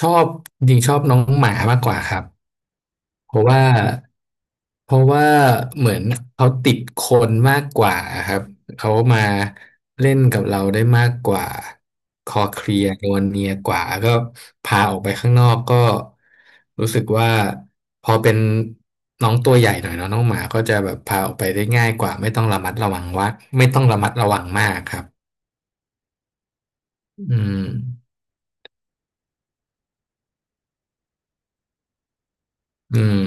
ชอบจริงๆชอบน้องหมามากกว่าครับเพราะว่าเพราะว่าเหมือนเขาติดคนมากกว่าครับเขามาเล่นกับเราได้มากกว่าคอเคลียร์นวลเนียกว่าก็พาออกไปข้างนอกก็รู้สึกว่าพอเป็นน้องตัวใหญ่หน่อยเนาะน้องหมาก็จะแบบพาออกไปได้ง่ายกว่าไม่ต้องระมัดระวังว่าไม่ต้องระมัดระวังมากครับอืมอืม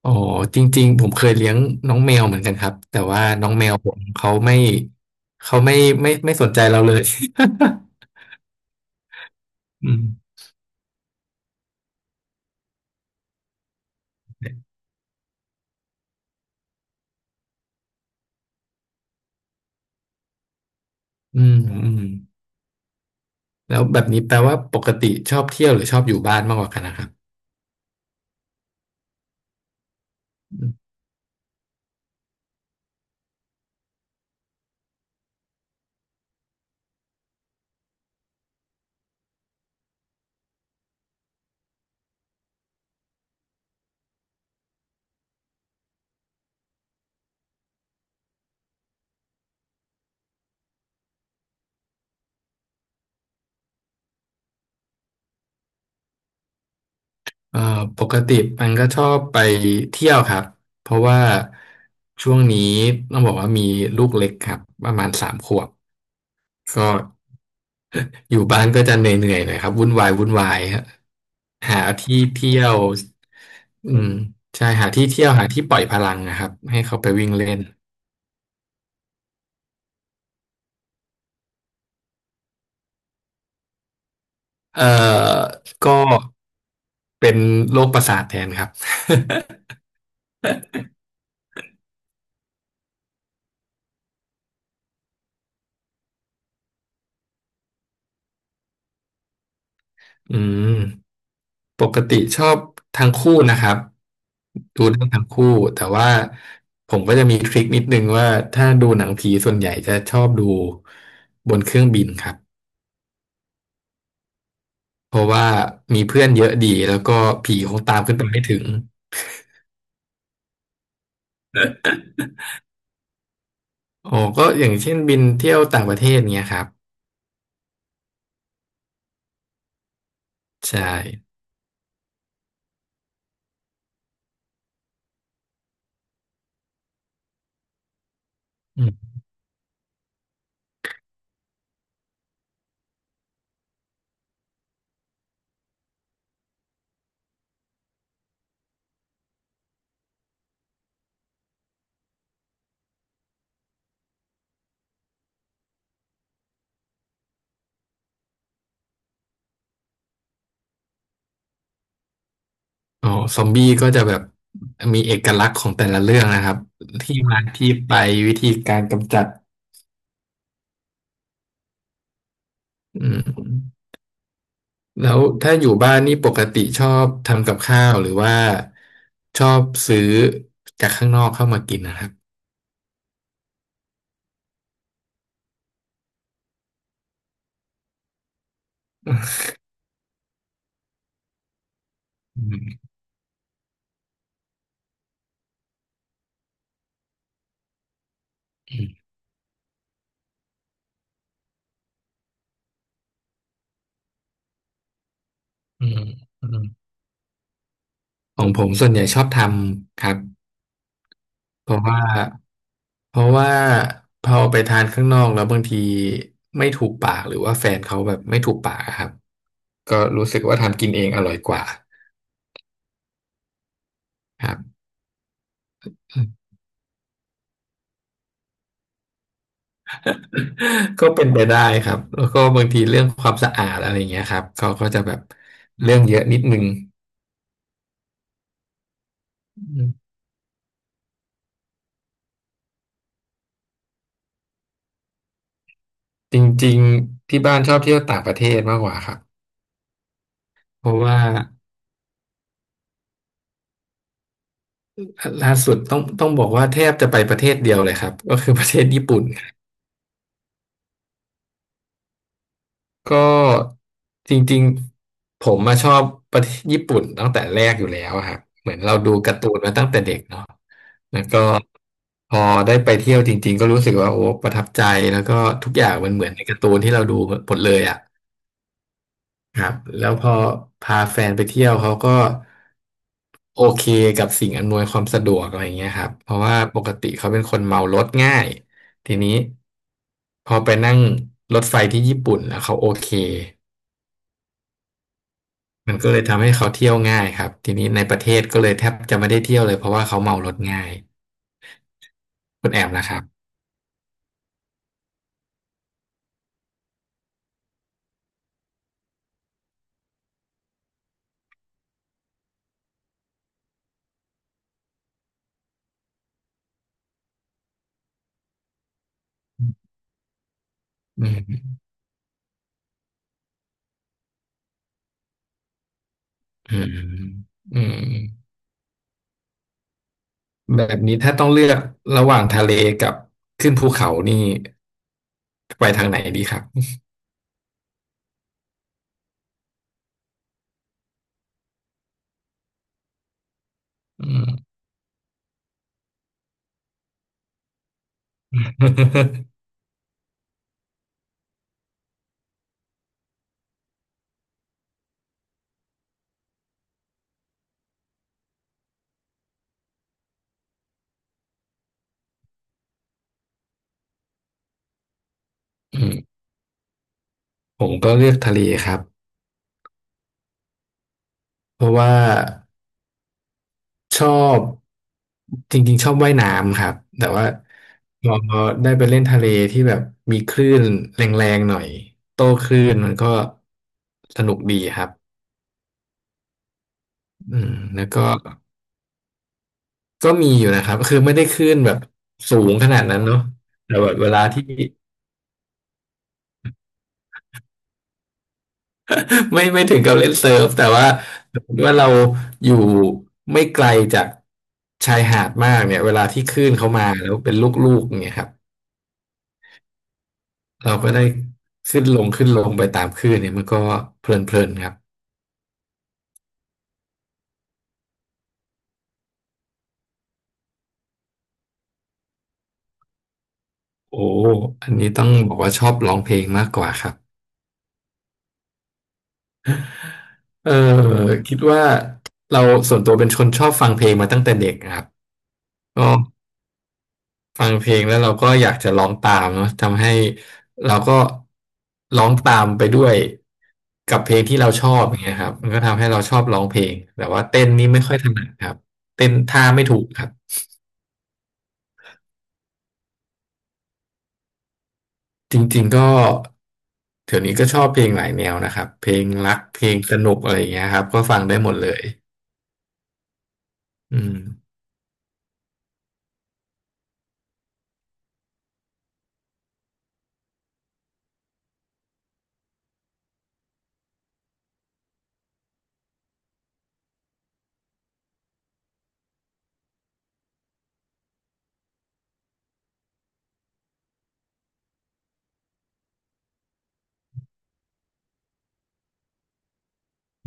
โอ้จริงๆผมเคยเลี้ยงน้องแมวเหมือนกันครับแต่ว่าน้องแมวผมเขาไม่เขาไม่สนใจเราเลย อืมอืมอืมแล้วแบบนี้แปลว่าปกติชอบเที่ยวหรือชอบอยู่บ้านมากกว่ากันนะครับอเอ่อปกติมันก็ชอบไปเที่ยวครับเพราะว่าช่วงนี้ต้องบอกว่ามีลูกเล็กครับประมาณ3 ขวบก็ อยู่บ้านก็จะเหนื่อยๆหน่อยครับวุ่นวายวุ่นวายฮะหาที่เที่ยวอืมใช่หาที่เที่ยวหาที่ปล่อยพลังนะครับให้เขาไปวิ่งเล่นเอ่อก็เป็นโรคประสาทแทนครับ อืมปกติชอบทั้งคู่นะครับดูหนังทั้งคู่แต่ว่าผมก็จะมีทริคนิดนึงว่าถ้าดูหนังผีส่วนใหญ่จะชอบดูบนเครื่องบินครับ เพราะว่ามีเพื่อนเยอะดีแล้วก็ผีคงตามขึ้นไปไม่ถึงอ๋อก็อย่างเช่นบินเที่ยวต่างประเทศเนี้ยครับใช่อืมอ๋อซอมบี้ก็จะแบบมีเอกลักษณ์ของแต่ละเรื่องนะครับที่มาที่ไปวิธีการกำจัดอืมแล้วถ้าอยู่บ้านนี่ปกติชอบทำกับข้าวหรือว่าชอบซื้อจากข้างนอกเข้ามากินนะครับอืมอืมอืมอืมของผมส่วนใหญ่ชอบทำครับเพราะว่า เพราะว่าพอไปทานข้างนอกแล้วบางทีไม่ถูกปากหรือว่าแฟนเขาแบบไม่ถูกปากอะครับก็รู้สึกว่าทำกินเองอร่อยกว่าครับ ก็เป็นไปได้ครับแล้วก็บางทีเรื่องความสะอาดอะไรเงี้ยครับเขาก็จะแบบเรื่องเยอะนิดนึงอืมจริงๆที่บ้านชอบเที่ยวต่างประเทศมากกว่าครับเพราะว่าล่าสุดต้องบอกว่าแทบจะไปประเทศเดียวเลยครับก็คือประเทศญี่ปุ่น ก็จริงๆผมมาชอบประเทศญี่ปุ่นตั้งแต่แรกอยู่แล้วอะครับเหมือนเราดูการ์ตูนมาตั้งแต่เด็กเนาะแล้วก็พอได้ไปเที่ยวจริงๆก็รู้สึกว่าโอ้ประทับใจแล้วก็ทุกอย่างมันเหมือนในการ์ตูนที่เราดูหมดเลยอ่ะครับแล้วพอพาแฟนไปเที่ยวเขาก็โอเคกับสิ่งอำนวยความสะดวกอะไรอย่างเงี้ยครับเพราะว่าปกติเขาเป็นคนเมารถง่ายทีนี้พอไปนั่งรถไฟที่ญี่ปุ่นแล้วเขาโอเค มันก็เลยทำให้เขาเที่ยวง่ายครับทีนี้ในประเทศก็เลยแทบจะไม่ได้เที่ยวเลยเพราะว่าเขาเมารถง่ายคุณแอมนะครับอืมอืมอืมแบบนี้ถ้าต้องเลือกระหว่างทะเลกับขึ้นภูเขานี่ไปทางไหนดีครับอืม อืมผมก็เลือกทะเลครับเพราะว่า ชอบจริงๆชอบว่ายน้ำครับแต่ว่าพอได้ไปเล่นทะเลที่แบบมีคลื่นแรงๆหน่อยโต้คลื่นมันก็สนุกดีครับอืมแล้วก็ก็มีอยู่นะครับคือไม่ได้คลื่นแบบสูงขนาดนั้นเนาะแต่แบบเวลาที่ ไม่ถึงกับเล่นเซิร์ฟแต่ว่าสมมติว่าเราอยู่ไม่ไกลจากชายหาดมากเนี่ยเวลาที่คลื่นเขามาแล้วเป็นลูกๆอย่างเงี้ยครับ เราก็ได้ขึ้นลงขึ้นลงไปตามคลื่นเนี่ยมันก็เพลินๆครับโอ้อันนี้ต้องบอกว่าชอบร้องเพลงมากกว่าครับเออคิดว่าเราส่วนตัวเป็นคนชอบฟังเพลงมาตั้งแต่เด็กนะครับก็ฟังเพลงแล้วเราก็อยากจะร้องตามเนาะทำให้เราก็ร้องตามไปด้วยกับเพลงที่เราชอบอย่างเงี้ยครับมันก็ทำให้เราชอบร้องเพลงแต่ว่าเต้นนี่ไม่ค่อยถนัดครับเต้นท่าไม่ถูกครับ จริงๆก็เดี๋ยวนี้ก็ชอบเพลงหลายแนวนะครับเพลงรักเพลงสนุกอะไรอย่างเงี้ยครับก็ฟังได้หมดเลยอืม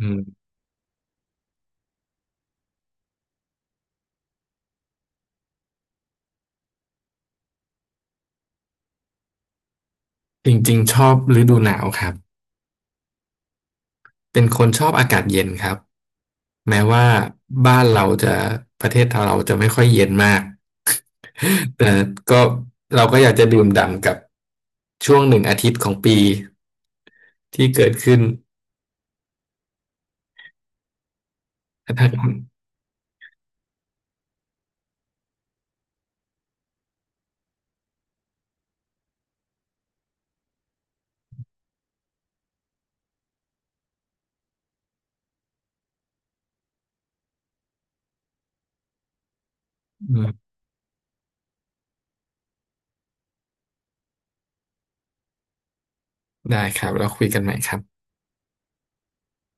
อืมจริงๆชอบฤดูหนาวครับเป็นคนชอบอากาศเย็นครับแม้ว่าบ้านเราจะประเทศเราจะไม่ค่อยเย็นมาก แต่ก็เราก็อยากจะดื่มด่ำกับช่วงหนึ่งอาทิตย์ของปีที่เกิดขึ้นนะครับอืม ได้ครับเราคุยกันใหม่ครับ